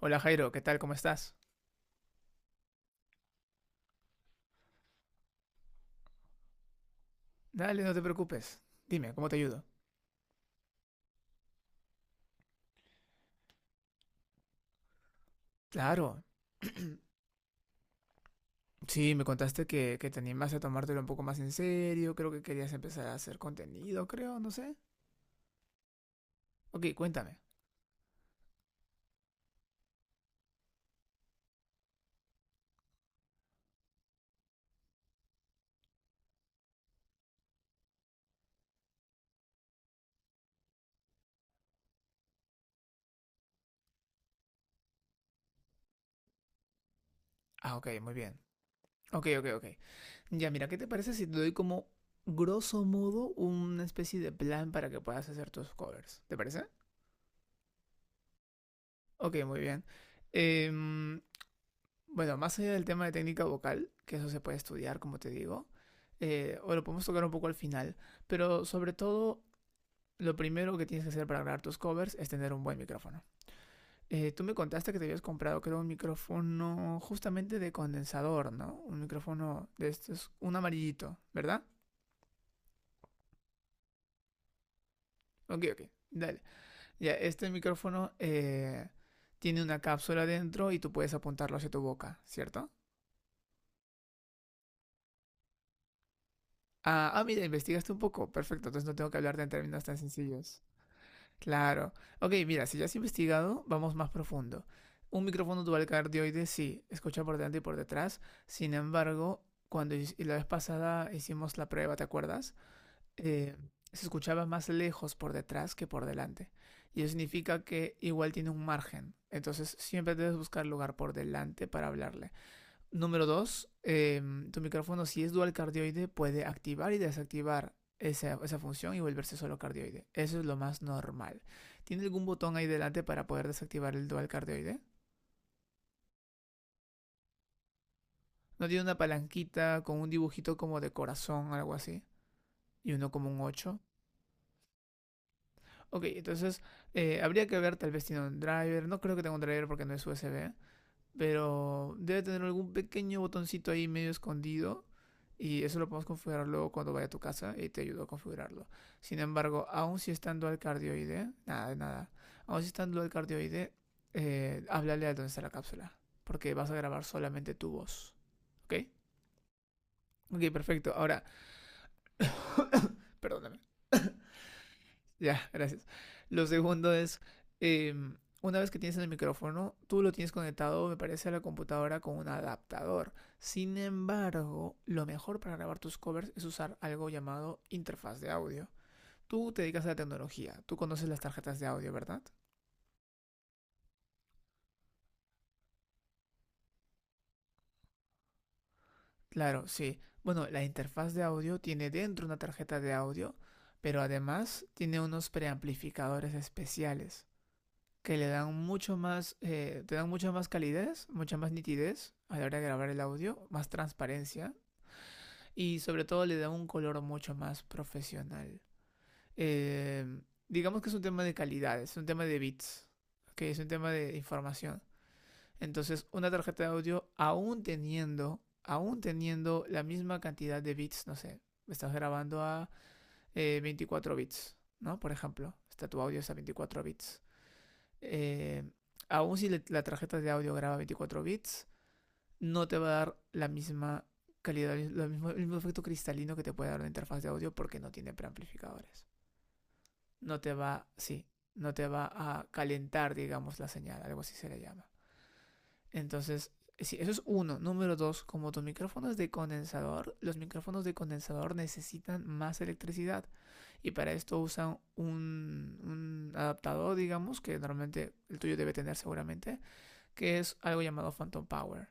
Hola Jairo, ¿qué tal? ¿Cómo estás? Dale, no te preocupes. Dime, ¿cómo te ayudo? Claro. Sí, me contaste que te animaste a tomártelo un poco más en serio, creo que querías empezar a hacer contenido, creo, no sé. Ok, cuéntame. Ah, ok, muy bien. Ok, ok, ok. Ya, mira, ¿qué te parece si te doy como, grosso modo, una especie de plan para que puedas hacer tus covers? ¿Te parece? Ok, muy bien. Em, Bueno, más allá del tema de técnica vocal, que eso se puede estudiar, como te digo, o lo podemos tocar un poco al final, pero sobre todo, lo primero que tienes que hacer para grabar tus covers es tener un buen micrófono. Tú me contaste que te habías comprado, creo, un micrófono justamente de condensador, ¿no? Un micrófono de estos, un amarillito, ¿verdad? Ok, ok, dale. Ya, este micrófono tiene una cápsula dentro y tú puedes apuntarlo hacia tu boca, ¿cierto? Ah, ah, mira, investigaste un poco. Perfecto, entonces no tengo que hablarte en términos tan sencillos. Claro. Ok, mira, si ya has investigado, vamos más profundo. Un micrófono dual cardioide sí, escucha por delante y por detrás. Sin embargo, cuando la vez pasada hicimos la prueba, ¿te acuerdas? Eh, Se escuchaba más lejos por detrás que por delante. Y eso significa que igual tiene un margen. Entonces siempre debes buscar lugar por delante para hablarle. Número 2, tu micrófono si es dual cardioide puede activar y desactivar esa función y volverse solo cardioide. Eso es lo más normal. ¿Tiene algún botón ahí delante para poder desactivar el dual cardioide? ¿No tiene una palanquita con un dibujito como de corazón, algo así? ¿Y uno como un 8? Ok, entonces habría que ver, tal vez tiene un driver. No creo que tenga un driver porque no es USB. Pero debe tener algún pequeño botoncito ahí medio escondido. Y eso lo podemos configurar luego cuando vaya a tu casa y te ayudo a configurarlo. Sin embargo, aún si está en dual cardioide, nada, nada. Aún si está en dual cardioide, háblale a donde está la cápsula. Porque vas a grabar solamente tu voz. ¿Ok? Ok, perfecto. Ahora, perdóname. Ya, gracias. Lo segundo es, eh, una vez que tienes el micrófono, tú lo tienes conectado, me parece, a la computadora con un adaptador. Sin embargo, lo mejor para grabar tus covers es usar algo llamado interfaz de audio. Tú te dedicas a la tecnología, tú conoces las tarjetas de audio, ¿verdad? Claro, sí. Bueno, la interfaz de audio tiene dentro una tarjeta de audio, pero además tiene unos preamplificadores especiales que le dan mucho más, te dan mucha más calidez, mucha más nitidez a la hora de grabar el audio, más transparencia y sobre todo le da un color mucho más profesional. Eh, digamos que es un tema de calidad, es un tema de bits, que es un tema de información. Entonces, una tarjeta de audio, aún teniendo la misma cantidad de bits, no sé, estás grabando a 24 bits, ¿no? Por ejemplo, está tu audio es a 24 bits. Eh, Aún si la tarjeta de audio graba 24 bits, no te va a dar la misma calidad, lo mismo, el mismo efecto cristalino que te puede dar una interfaz de audio porque no tiene preamplificadores. No te va, sí, no te va a calentar, digamos, la señal, algo así se le llama. Entonces, sí, eso es uno. Número 2, como tu micrófono es de condensador, los micrófonos de condensador necesitan más electricidad. Y para esto usan un adaptador, digamos, que normalmente el tuyo debe tener seguramente, que es algo llamado Phantom Power.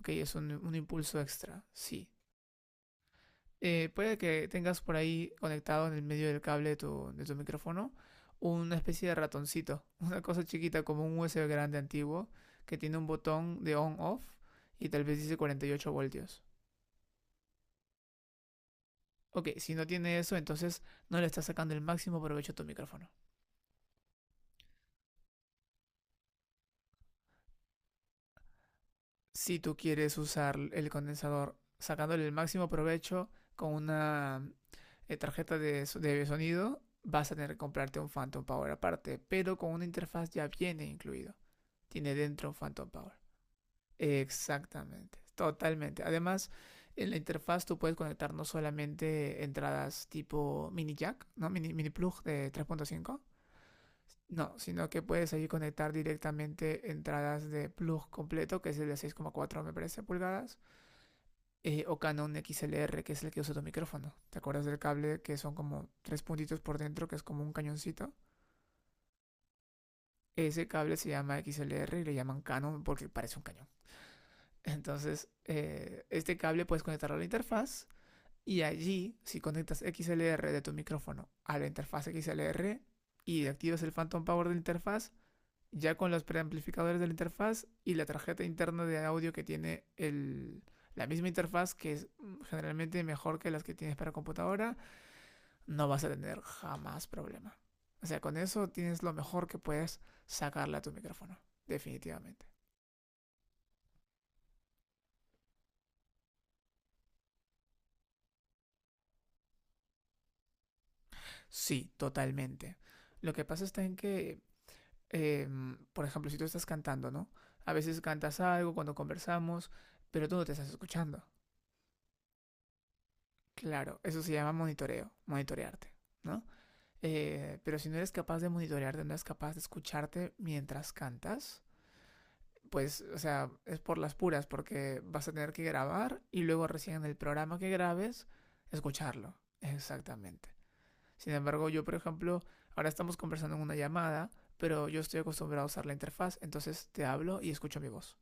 Ok, es un impulso extra, sí. Puede que tengas por ahí conectado en el medio del cable de tu, micrófono una especie de ratoncito, una cosa chiquita como un USB grande antiguo que tiene un botón de on-off y tal vez dice 48 voltios. Ok, si no tiene eso, entonces no le estás sacando el máximo provecho a tu micrófono. Si tú quieres usar el condensador sacándole el máximo provecho con una tarjeta de sonido, vas a tener que comprarte un Phantom Power aparte, pero con una interfaz ya viene incluido. Tiene dentro Phantom Power. Exactamente, totalmente. Además, en la interfaz tú puedes conectar no solamente entradas tipo mini jack, ¿no? Mini plug de 3.5. No, sino que puedes ahí conectar directamente entradas de plug completo, que es el de 6,4 me parece pulgadas, o Canon XLR, que es el que usa tu micrófono. ¿Te acuerdas del cable que son como tres puntitos por dentro, que es como un cañoncito? Ese cable se llama XLR y le llaman Canon porque parece un cañón. Entonces, este cable puedes conectarlo a la interfaz y allí, si conectas XLR de tu micrófono a la interfaz XLR y activas el Phantom Power de la interfaz, ya con los preamplificadores de la interfaz y la tarjeta interna de audio que tiene el, la misma interfaz, que es generalmente mejor que las que tienes para computadora, no vas a tener jamás problema. O sea, con eso tienes lo mejor que puedes sacarle a tu micrófono, definitivamente. Sí, totalmente. Lo que pasa está en que eh, por ejemplo, si tú estás cantando, ¿no? A veces cantas algo cuando conversamos, pero tú no te estás escuchando. Claro, eso se llama monitoreo, monitorearte, ¿no? Pero si no eres capaz de monitorearte, no eres capaz de escucharte mientras cantas, pues, o sea, es por las puras, porque vas a tener que grabar y luego recién en el programa que grabes, escucharlo. Exactamente. Sin embargo, yo, por ejemplo, ahora estamos conversando en una llamada, pero yo estoy acostumbrado a usar la interfaz, entonces te hablo y escucho mi voz.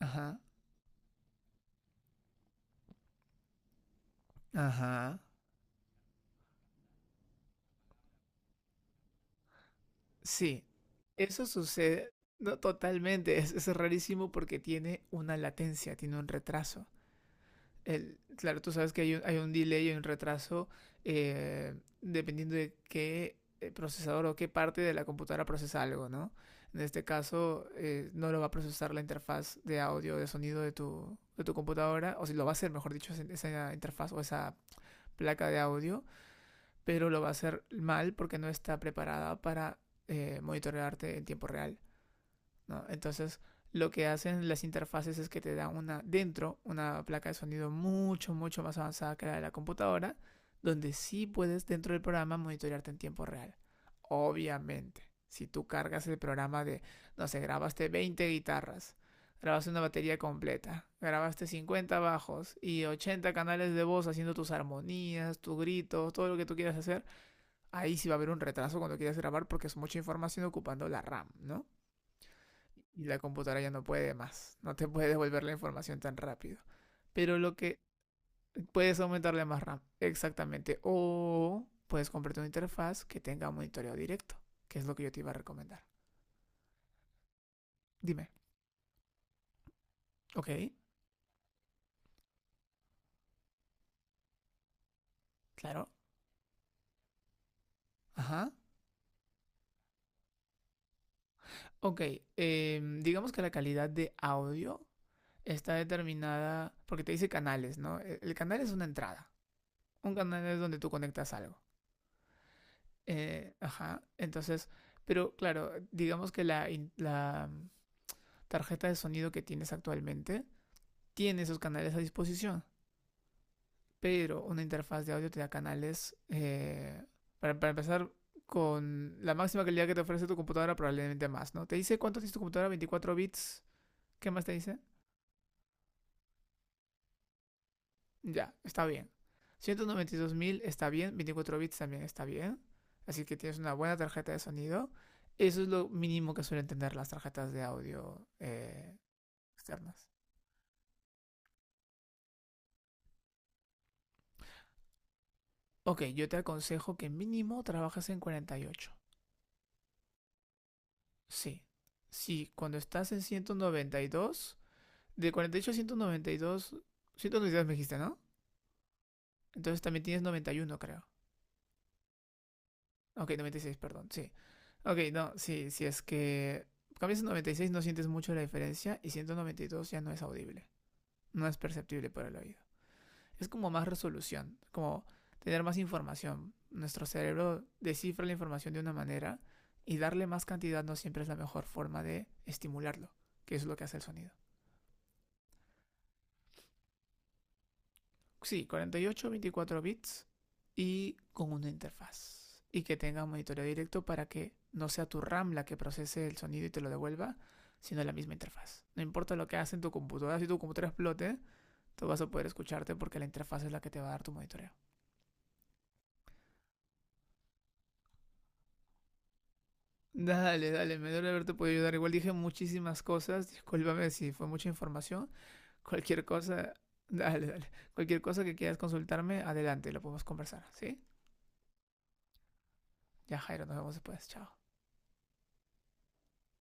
Ajá, ajá. Sí, eso sucede no, totalmente. Es rarísimo porque tiene una latencia, tiene un retraso. El, claro, tú sabes que hay un delay, hay un, retraso, eh, dependiendo de qué procesador o qué parte de la computadora procesa algo, ¿no? En este caso, no lo va a procesar la interfaz de audio, de sonido de tu, computadora, o si lo va a hacer, mejor dicho, esa interfaz o esa placa de audio, pero lo va a hacer mal porque no está preparada para monitorearte en tiempo real. ¿No? Entonces, lo que hacen las interfaces es que te dan una dentro, una placa de sonido mucho, mucho más avanzada que la de la computadora, donde sí puedes dentro del programa monitorearte en tiempo real. Obviamente, si tú cargas el programa de, no sé, grabaste 20 guitarras, grabaste una batería completa, grabaste 50 bajos y 80 canales de voz haciendo tus armonías, tus gritos, todo lo que tú quieras hacer, ahí sí va a haber un retraso cuando quieras grabar porque es mucha información ocupando la RAM, ¿no? Y la computadora ya no puede más, no te puede devolver la información tan rápido. Pero lo que puedes aumentarle más RAM, exactamente. O puedes comprarte una interfaz que tenga monitoreo directo, que es lo que yo te iba a recomendar. Dime, ok, claro, ajá. Ok, digamos que la calidad de audio está determinada porque te dice canales, ¿no? El canal es una entrada. Un canal es donde tú conectas algo. Ajá, entonces, pero claro, digamos que la tarjeta de sonido que tienes actualmente tiene esos canales a disposición, pero una interfaz de audio te da canales, para empezar, con la máxima calidad que te ofrece tu computadora, probablemente más, ¿no? Te dice cuánto tiene tu computadora, 24 bits, ¿qué más te dice? Ya, está bien. 192.000 está bien, 24 bits también está bien. Así que tienes una buena tarjeta de sonido. Eso es lo mínimo que suelen tener las tarjetas de audio externas. Ok, yo te aconsejo que mínimo trabajes en 48. Sí. Sí, cuando estás en 192, de 48 a 192, 192 me dijiste, ¿no? Entonces también tienes 91, creo. Ok, 96, perdón, sí. Ok, no, sí, si es que cambias a 96, no sientes mucho la diferencia y 192 ya no es audible, no es perceptible para el oído. Es como más resolución, como tener más información. Nuestro cerebro descifra la información de una manera y darle más cantidad no siempre es la mejor forma de estimularlo, que es lo que hace el sonido. Sí, 48, 24 bits y con una interfaz. Y que tenga un monitoreo directo para que no sea tu RAM la que procese el sonido y te lo devuelva, sino la misma interfaz. No importa lo que hagas en tu computadora, si tu computadora explote, tú vas a poder escucharte porque la interfaz es la que te va a dar tu monitoreo. Dale, dale, me duele haberte podido ayudar. Igual dije muchísimas cosas, discúlpame si fue mucha información. Cualquier cosa, dale, dale. Cualquier cosa que quieras consultarme, adelante, lo podemos conversar, ¿sí? Ya, Jairo, nos vemos después. Chao.